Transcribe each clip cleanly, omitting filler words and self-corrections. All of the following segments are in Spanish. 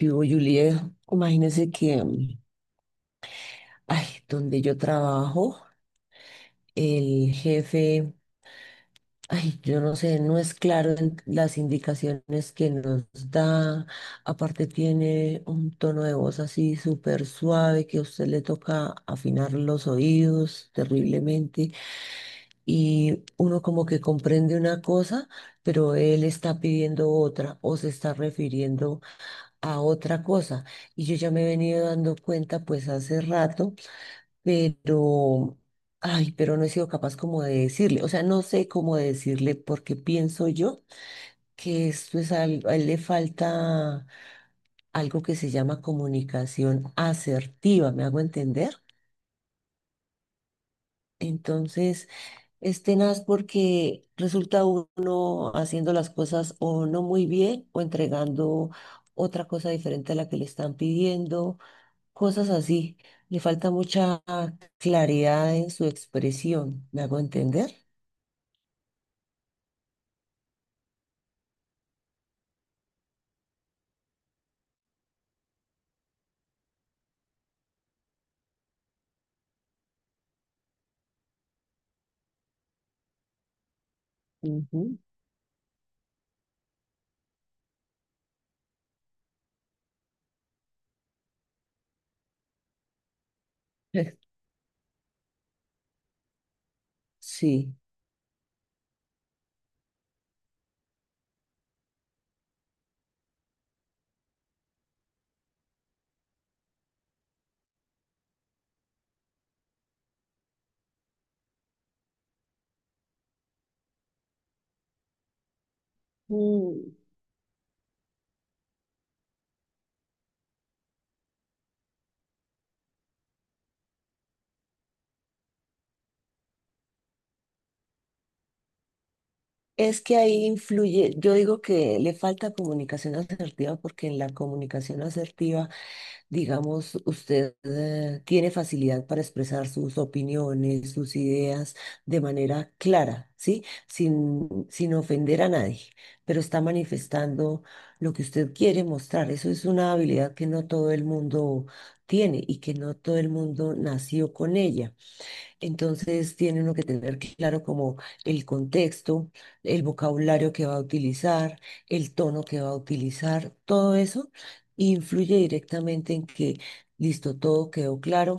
Yo, Juliet, imagínense que, ay, donde yo trabajo, el jefe, ay, yo no sé, no es claro en las indicaciones que nos da. Aparte tiene un tono de voz así súper suave que a usted le toca afinar los oídos terriblemente y uno como que comprende una cosa, pero él está pidiendo otra o se está refiriendo a otra cosa. Y yo ya me he venido dando cuenta pues hace rato pero, ay, pero no he sido capaz como de decirle, o sea, no sé cómo decirle porque pienso yo que esto es algo, a él le falta algo que se llama comunicación asertiva, ¿me hago entender? Entonces, es tenaz porque resulta uno haciendo las cosas o no muy bien o entregando otra cosa diferente a la que le están pidiendo, cosas así. Le falta mucha claridad en su expresión, ¿me hago entender? Ujú. Sí. Mm. Es que ahí influye, yo digo que le falta comunicación asertiva porque en la comunicación asertiva, digamos, usted tiene facilidad para expresar sus opiniones, sus ideas de manera clara, ¿sí? Sin ofender a nadie, pero está manifestando lo que usted quiere mostrar. Eso es una habilidad que no todo el mundo tiene y que no todo el mundo nació con ella. Entonces tiene uno que tener claro como el contexto, el vocabulario que va a utilizar, el tono que va a utilizar, todo eso influye directamente en que, listo, todo quedó claro,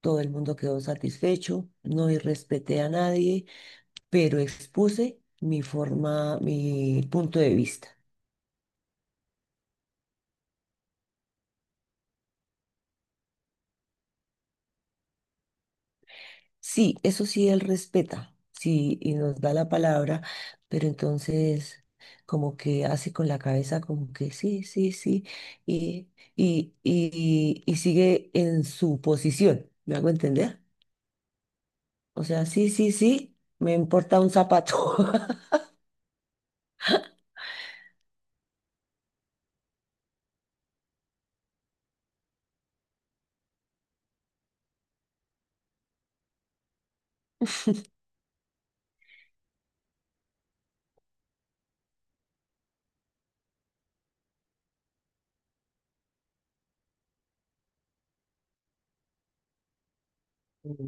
todo el mundo quedó satisfecho, no irrespeté a nadie, pero expuse mi forma, mi punto de vista. Sí, eso sí, él respeta, sí, y nos da la palabra, pero entonces como que hace con la cabeza como que sí, sí, sí, y, y sigue en su posición, ¿me hago entender? O sea, sí, sí, sí, me importa un zapato.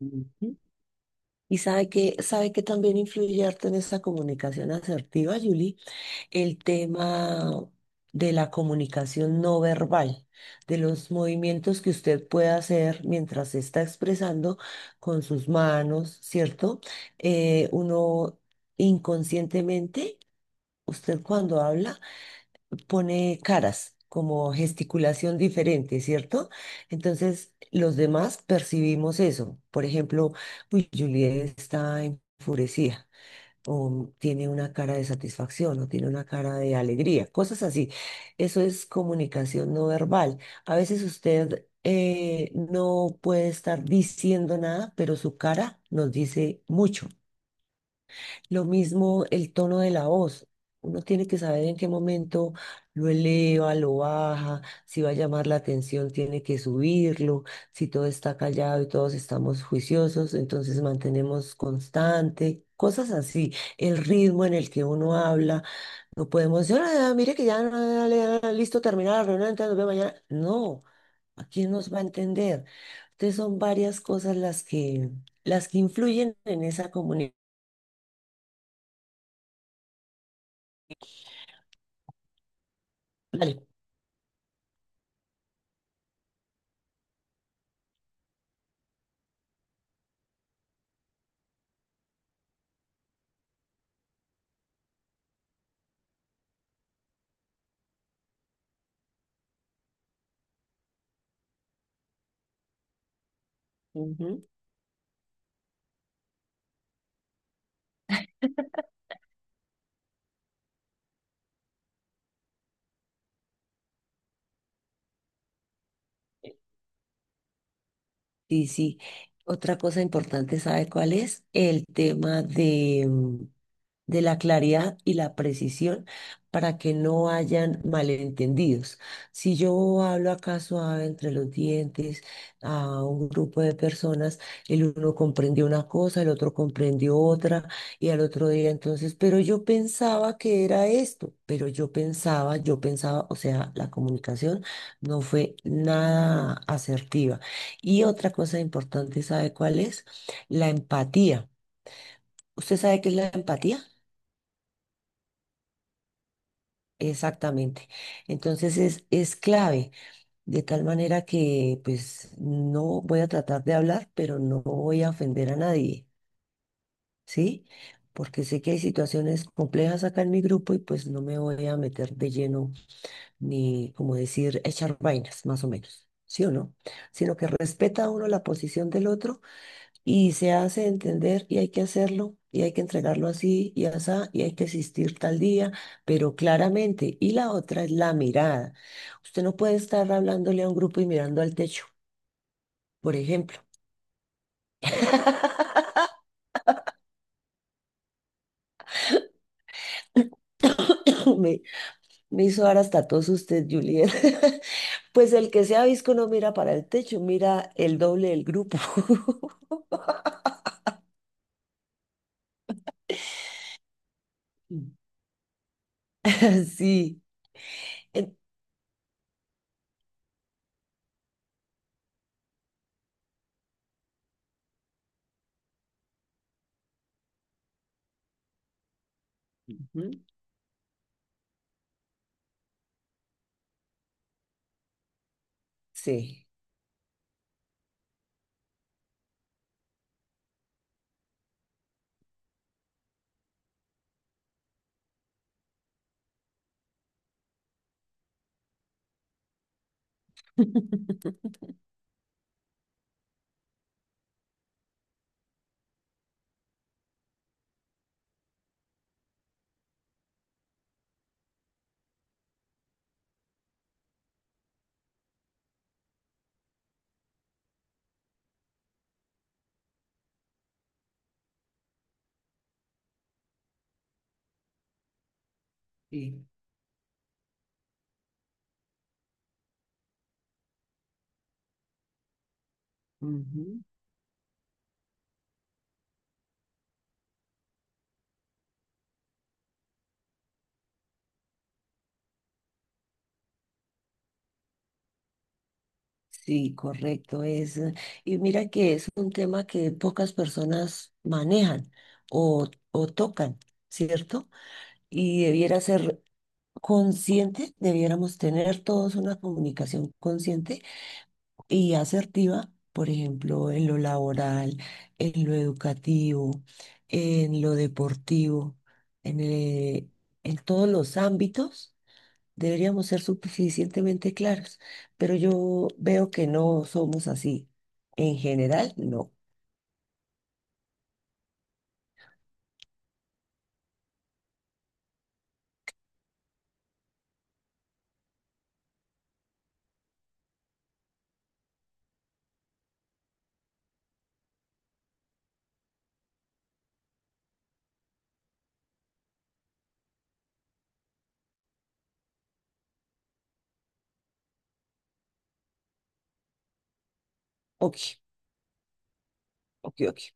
Ujú. Y sabe que también influye harto en esa comunicación asertiva, Julie, el tema de la comunicación no verbal, de los movimientos que usted puede hacer mientras se está expresando con sus manos, ¿cierto? Uno inconscientemente, usted cuando habla, pone caras, como gesticulación diferente, ¿cierto? Entonces, los demás percibimos eso. Por ejemplo, uy, Juliet está enfurecida o tiene una cara de satisfacción o tiene una cara de alegría, cosas así. Eso es comunicación no verbal. A veces usted no puede estar diciendo nada, pero su cara nos dice mucho. Lo mismo el tono de la voz. Uno tiene que saber en qué momento lo eleva, lo baja, si va a llamar la atención, tiene que subirlo, si todo está callado y todos estamos juiciosos, entonces mantenemos constante, cosas así. El ritmo en el que uno habla, no podemos decir, "Ah, mire que ya, ah, ya, ya, listo, terminada la reunión, entonces nos vemos mañana". No, ¿a quién nos va a entender? Entonces son varias cosas las que influyen en esa comunicación. Ujú. Sí, sí. Otra cosa importante, ¿sabe cuál es? El tema de, de la claridad y la precisión para que no hayan malentendidos. Si yo hablo acá suave entre los dientes a un grupo de personas, el uno comprendió una cosa, el otro comprendió otra y al otro día entonces, pero yo pensaba que era esto, o sea, la comunicación no fue nada asertiva. Y otra cosa importante, ¿sabe cuál es? La empatía. ¿Usted sabe qué es la empatía? Exactamente. Entonces es clave, de tal manera que pues no voy a tratar de hablar, pero no voy a ofender a nadie, ¿sí? Porque sé que hay situaciones complejas acá en mi grupo y pues no me voy a meter de lleno ni, como decir, echar vainas, más o menos, ¿sí o no? Sino que respeta uno la posición del otro y se hace entender y hay que hacerlo y hay que entregarlo así y asá y hay que asistir tal día, pero claramente. Y la otra es la mirada. Usted no puede estar hablándole a un grupo y mirando al techo, por ejemplo. Me, me hizo dar hasta tos usted, Juliet. Pues el que sea visco no mira para el techo, mira el doble del grupo. Mm. Sí, en- ujú, sí. Sí. Ujú. Sí, correcto. Es, y mira que es un tema que pocas personas manejan o tocan, ¿cierto? Y debiera ser consciente, debiéramos tener todos una comunicación consciente y asertiva, por ejemplo, en lo laboral, en lo educativo, en lo deportivo, en, eh, en todos los ámbitos. Deberíamos ser suficientemente claros, pero yo veo que no somos así. En general, no. Ok, ok, ok.